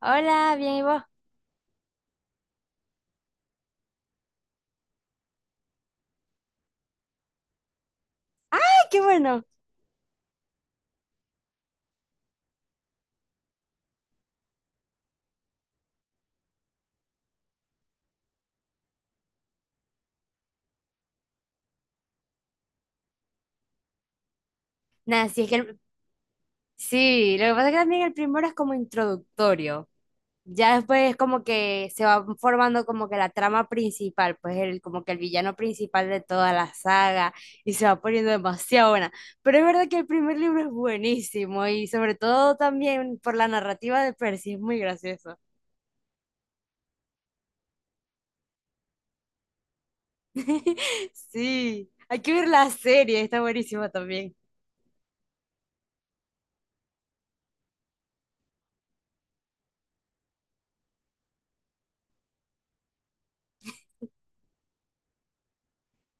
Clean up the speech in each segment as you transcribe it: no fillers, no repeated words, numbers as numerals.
Hola, bien, ¿y vos? ¡Ay, qué bueno! Nada, sí, sí, lo que pasa es que también el primero es como introductorio. Ya después es como que se va formando como que la trama principal, pues como que el villano principal de toda la saga y se va poniendo demasiado buena. Pero es verdad que el primer libro es buenísimo y sobre todo también por la narrativa de Percy, es muy gracioso. Sí, hay que ver la serie, está buenísima también.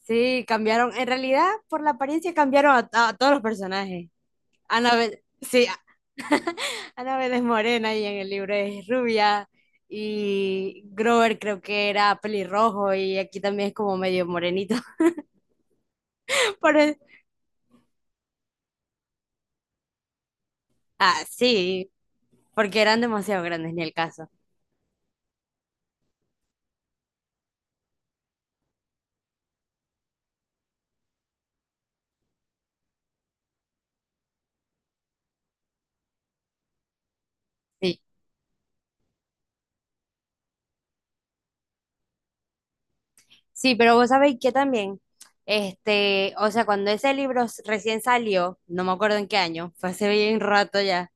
Sí, cambiaron, en realidad por la apariencia cambiaron a todos los personajes. Sí, Ana Vélez Morena y en el libro es rubia. Y Grover creo que era pelirrojo y aquí también es como medio morenito. Por el- Ah, sí, porque eran demasiado grandes, ni el caso. Sí, sí, pero vos sabéis que también, este, o sea, cuando ese libro recién salió, no me acuerdo en qué año, fue hace bien rato ya,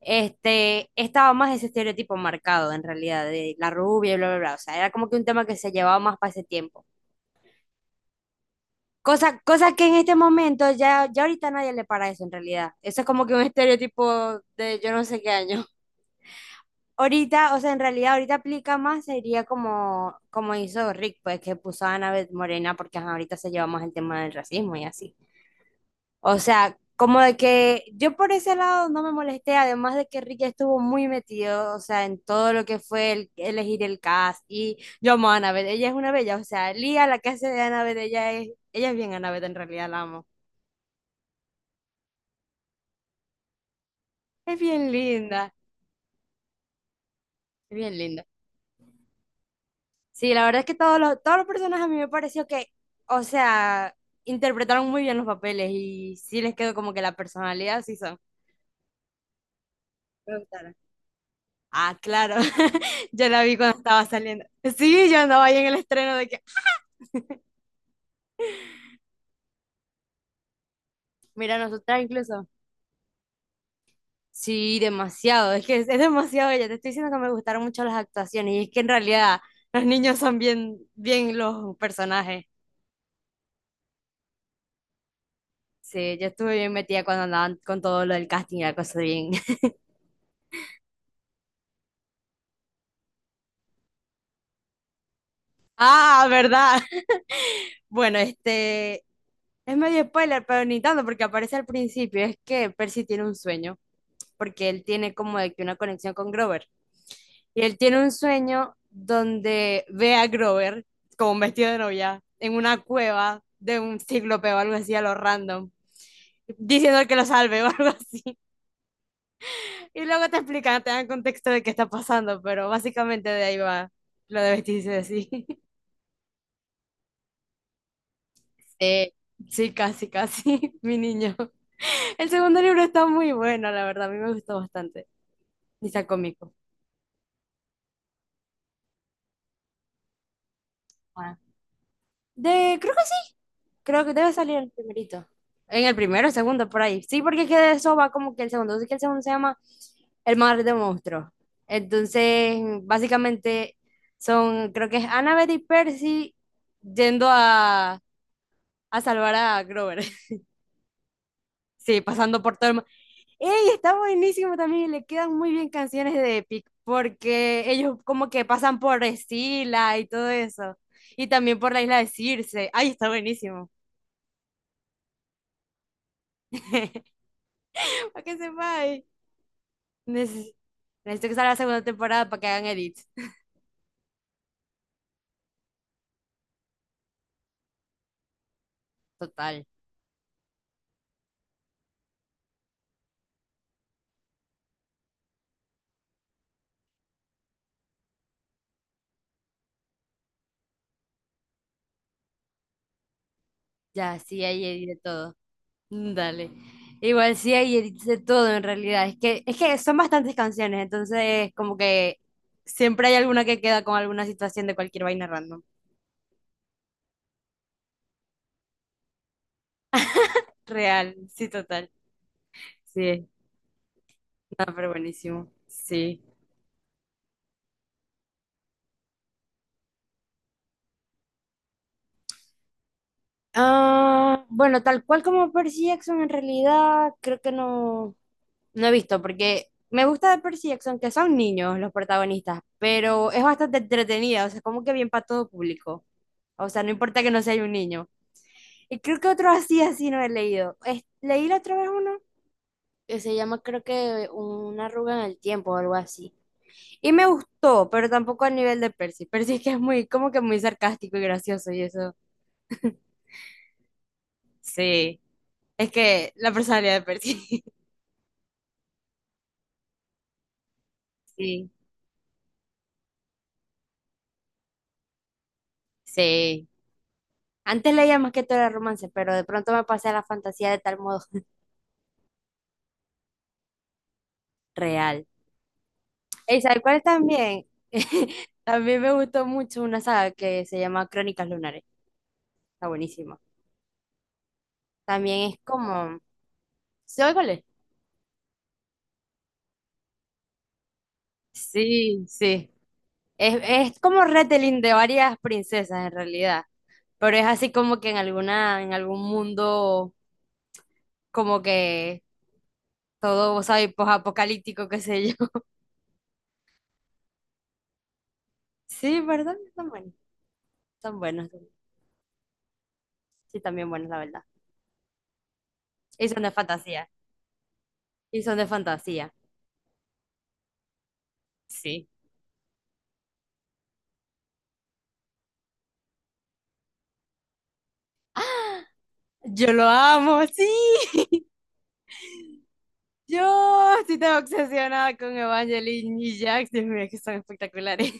este, estaba más ese estereotipo marcado en realidad de la rubia y bla, bla, bla. O sea, era como que un tema que se llevaba más para ese tiempo. Cosa que en este momento ya, ya ahorita nadie le para eso en realidad. Eso es como que un estereotipo de yo no sé qué año. Ahorita, o sea, en realidad ahorita aplica más, sería como, como hizo Rick, pues que puso a Annabeth Morena porque ajá, ahorita se lleva más el tema del racismo y así. O sea, como de que yo por ese lado no me molesté, además de que Rick estuvo muy metido, o sea, en todo lo que fue elegir el cast y yo amo a Annabeth, ella es una bella, o sea, Lía, la que hace de Annabeth, ella es bien Annabeth en realidad, la amo. Es bien linda, es bien linda. Sí, la verdad es que todos los personajes a mí me pareció que, o sea, interpretaron muy bien los papeles y sí les quedó como que la personalidad sí son. Me gustaron. Ah, claro. Yo la vi cuando estaba saliendo. Sí, yo andaba ahí en el estreno de que. Mira, nosotras incluso. Sí, demasiado. Es que es demasiado ella. Te estoy diciendo que me gustaron mucho las actuaciones y es que en realidad los niños son bien, bien los personajes. Sí, yo estuve bien metida cuando andaban con todo lo del casting y la cosa bien. Ah, ¿verdad? Bueno, este es medio spoiler, pero ni tanto porque aparece al principio. Es que Percy tiene un sueño, porque él tiene como de que una conexión con Grover. Y él tiene un sueño donde ve a Grover como vestido de novia en una cueva de un cíclope o algo así a lo random, diciendo que lo salve o algo así. Y luego te explican, te dan contexto de qué está pasando, pero básicamente de ahí va lo de vestirse así. Sí, sí, casi, casi, mi niño. El segundo libro está muy bueno, la verdad, a mí me gustó bastante. Y está cómico. Bueno, creo que sí, creo que debe salir el primerito. En el primero, segundo, por ahí. Sí, porque es que de eso va como que el segundo. Así que el segundo se llama El mar de monstruos. Entonces, básicamente son, creo que es Annabeth y Percy yendo a salvar a Grover. Sí, pasando por todo el ¡Ey! Está buenísimo también, le quedan muy bien canciones de Epic, porque ellos como que pasan por Estila y todo eso, y también por la isla de Circe. ¡Ay, está buenísimo! Para que sepáis. Neces- Necesito que salga la segunda temporada para que hagan edits. Total. Ya, sí hay edits de todo. Mm, dale. Igual sí hay edits de todo en realidad. Es que son bastantes canciones, entonces como que siempre hay alguna que queda con alguna situación de cualquier vaina random. Real, sí, total. Sí. Ah, pero buenísimo. Sí. Ah, bueno, tal cual como Percy Jackson, en realidad creo que no, no he visto, porque me gusta de Percy Jackson que son niños los protagonistas, pero es bastante entretenida, o sea, como que bien para todo público. O sea, no importa que no sea un niño. Y creo que otro así, así no he leído. Leí la otra vez uno que se llama, creo que Una arruga en el tiempo o algo así. Y me gustó, pero tampoco al nivel de Percy. Percy es que es muy, como que muy sarcástico y gracioso y eso. Sí, es que la personalidad de Percy. Sí, sí. Antes leía más que todo el romance, pero de pronto me pasé a la fantasía de tal modo real. ¿Y sabes cuál también? También me gustó mucho una saga que se llama Crónicas Lunares. Está buenísima. También es como... ¿Sabes cuál es? Sí, sí. Es, es como retelling de varias princesas en realidad, pero es así como que en algún mundo como que todo, ¿sabes? Posapocalíptico, qué sé Sí, ¿verdad? Son buenos. Son buenos. Sí, también buenos, la verdad. Y son de fantasía. Y son de fantasía. Sí. Yo lo amo, sí. Yo estoy tan obsesionada con Evangeline y Jax. Dios mío, es que son espectaculares.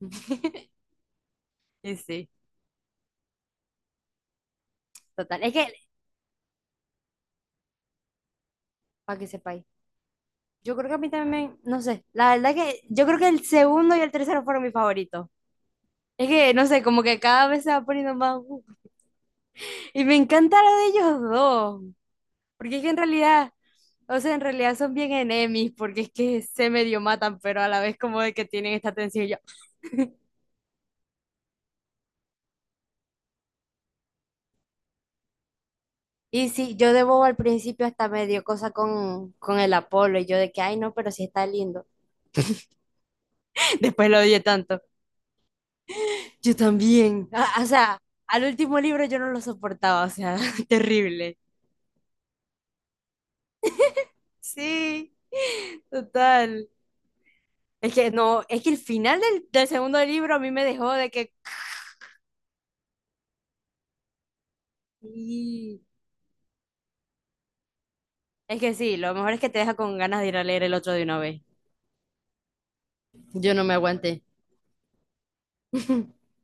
Y sí, total. Es que, para que sepáis, yo creo que a mí también, no sé, la verdad que yo creo que el segundo y el tercero fueron mis favoritos. Es que, no sé, como que cada vez se va poniendo más. Y me encanta lo de ellos dos. Porque es que en realidad, o sea, en realidad son bien enemies, porque es que se medio matan, pero a la vez como de que tienen esta tensión. Y sí, yo de bobo al principio hasta me dio cosa con, el Apolo y yo de que, ay, no, pero sí está lindo. después lo odié tanto. Yo también. Ah, o sea, al último libro yo no lo soportaba, o sea, terrible. Sí, total. Es que no, es que el final del segundo libro a mí me dejó de que. Sí. Es que sí, lo mejor es que te deja con ganas de ir a leer el otro de una vez. Yo no me aguanté.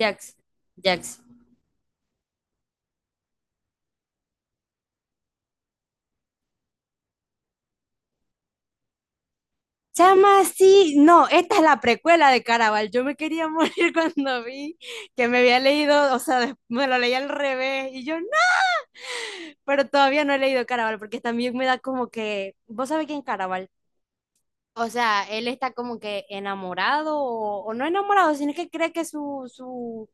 Jax, Jax. Chama, sí, no, esta es la precuela de Caraval. Yo me quería morir cuando vi que me había leído, o sea, me lo leí al revés y yo no, pero todavía no he leído Caraval porque también me da como que, ¿vos sabés quién es Caraval? O sea, él está como que enamorado o no enamorado, sino que cree que su, su,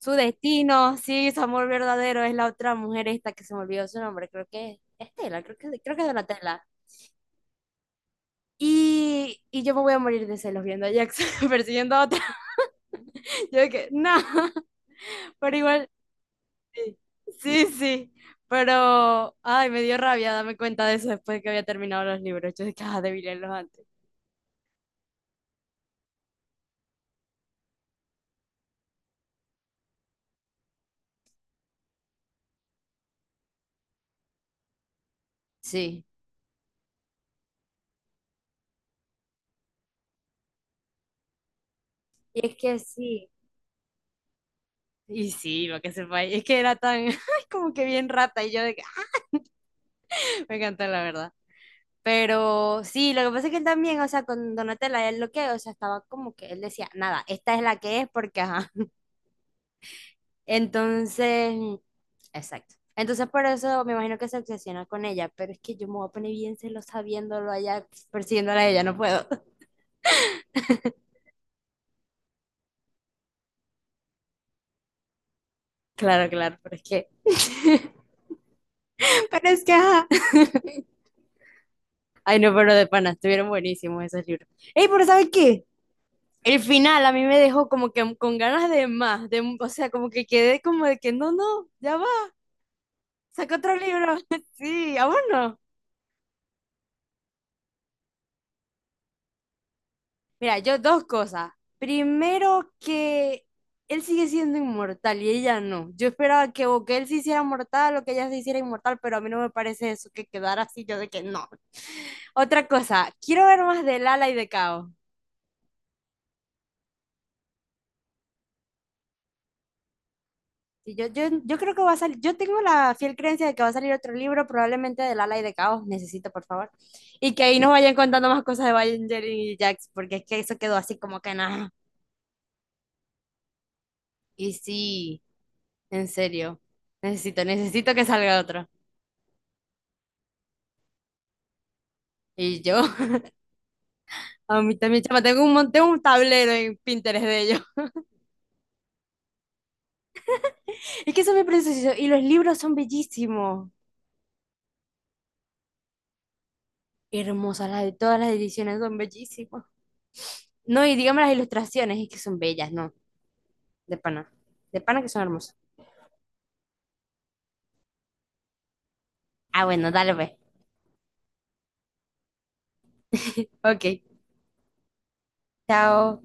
Su destino, sí, su amor verdadero es la otra mujer esta que se me olvidó su nombre, creo que es Estela, creo que es Donatella. Y yo me voy a morir de celos viendo a Jackson persiguiendo a otra. Yo de que, no, pero igual, sí, sí, sí. Pero, ay, me dio rabia darme cuenta de eso después de que había terminado los libros. Yo de que, ah, debí leerlos antes. Sí. Y es que sí. Y sí, lo que sepa. Y es que era tan, ay, como que bien rata. Y yo de que, me encantó, la verdad. Pero sí, lo que pasa es que él también, o sea, con Donatella, él lo que, o sea, estaba como que él decía, nada, esta es la que es porque, ajá. Entonces, exacto. Entonces, por eso me imagino que se obsesiona con ella, pero es que yo me voy a poner bien celosa viéndolo allá, persiguiéndola a ella, no puedo. Claro, claro, pero es que, pero es que, ajá. Ay, no, pero de pana, estuvieron buenísimos esos libros. Ey, pero ¿sabes qué? El final a mí me dejó como que con ganas de más, o sea, como que quedé como de que no, no, ya va. Sacó otro libro. Sí, aún no. Mira, yo dos cosas. Primero que él sigue siendo inmortal y ella no. Yo esperaba que o que él se hiciera mortal o que ella se hiciera inmortal, pero a mí no me parece eso que quedara así, yo de que no. Otra cosa, quiero ver más de Lala y de Kao. Y yo creo que va a salir, yo tengo la fiel creencia de que va a salir otro libro, probablemente de Lala y de Caos, necesito por favor, y que ahí nos vayan contando más cosas de Evangeline y Jax, porque es que eso quedó así como que nada. Y sí, en serio, necesito que salga otro. Y yo, a mí también, chama, tengo un tablero en Pinterest de ellos. Es que son muy preciosos y los libros son bellísimos. Hermosas, las de todas las ediciones son bellísimas. No, y digamos las ilustraciones, es que son bellas, ¿no? De pana. De pana que son hermosas. Ah, bueno, dale, pues. Ok, chao.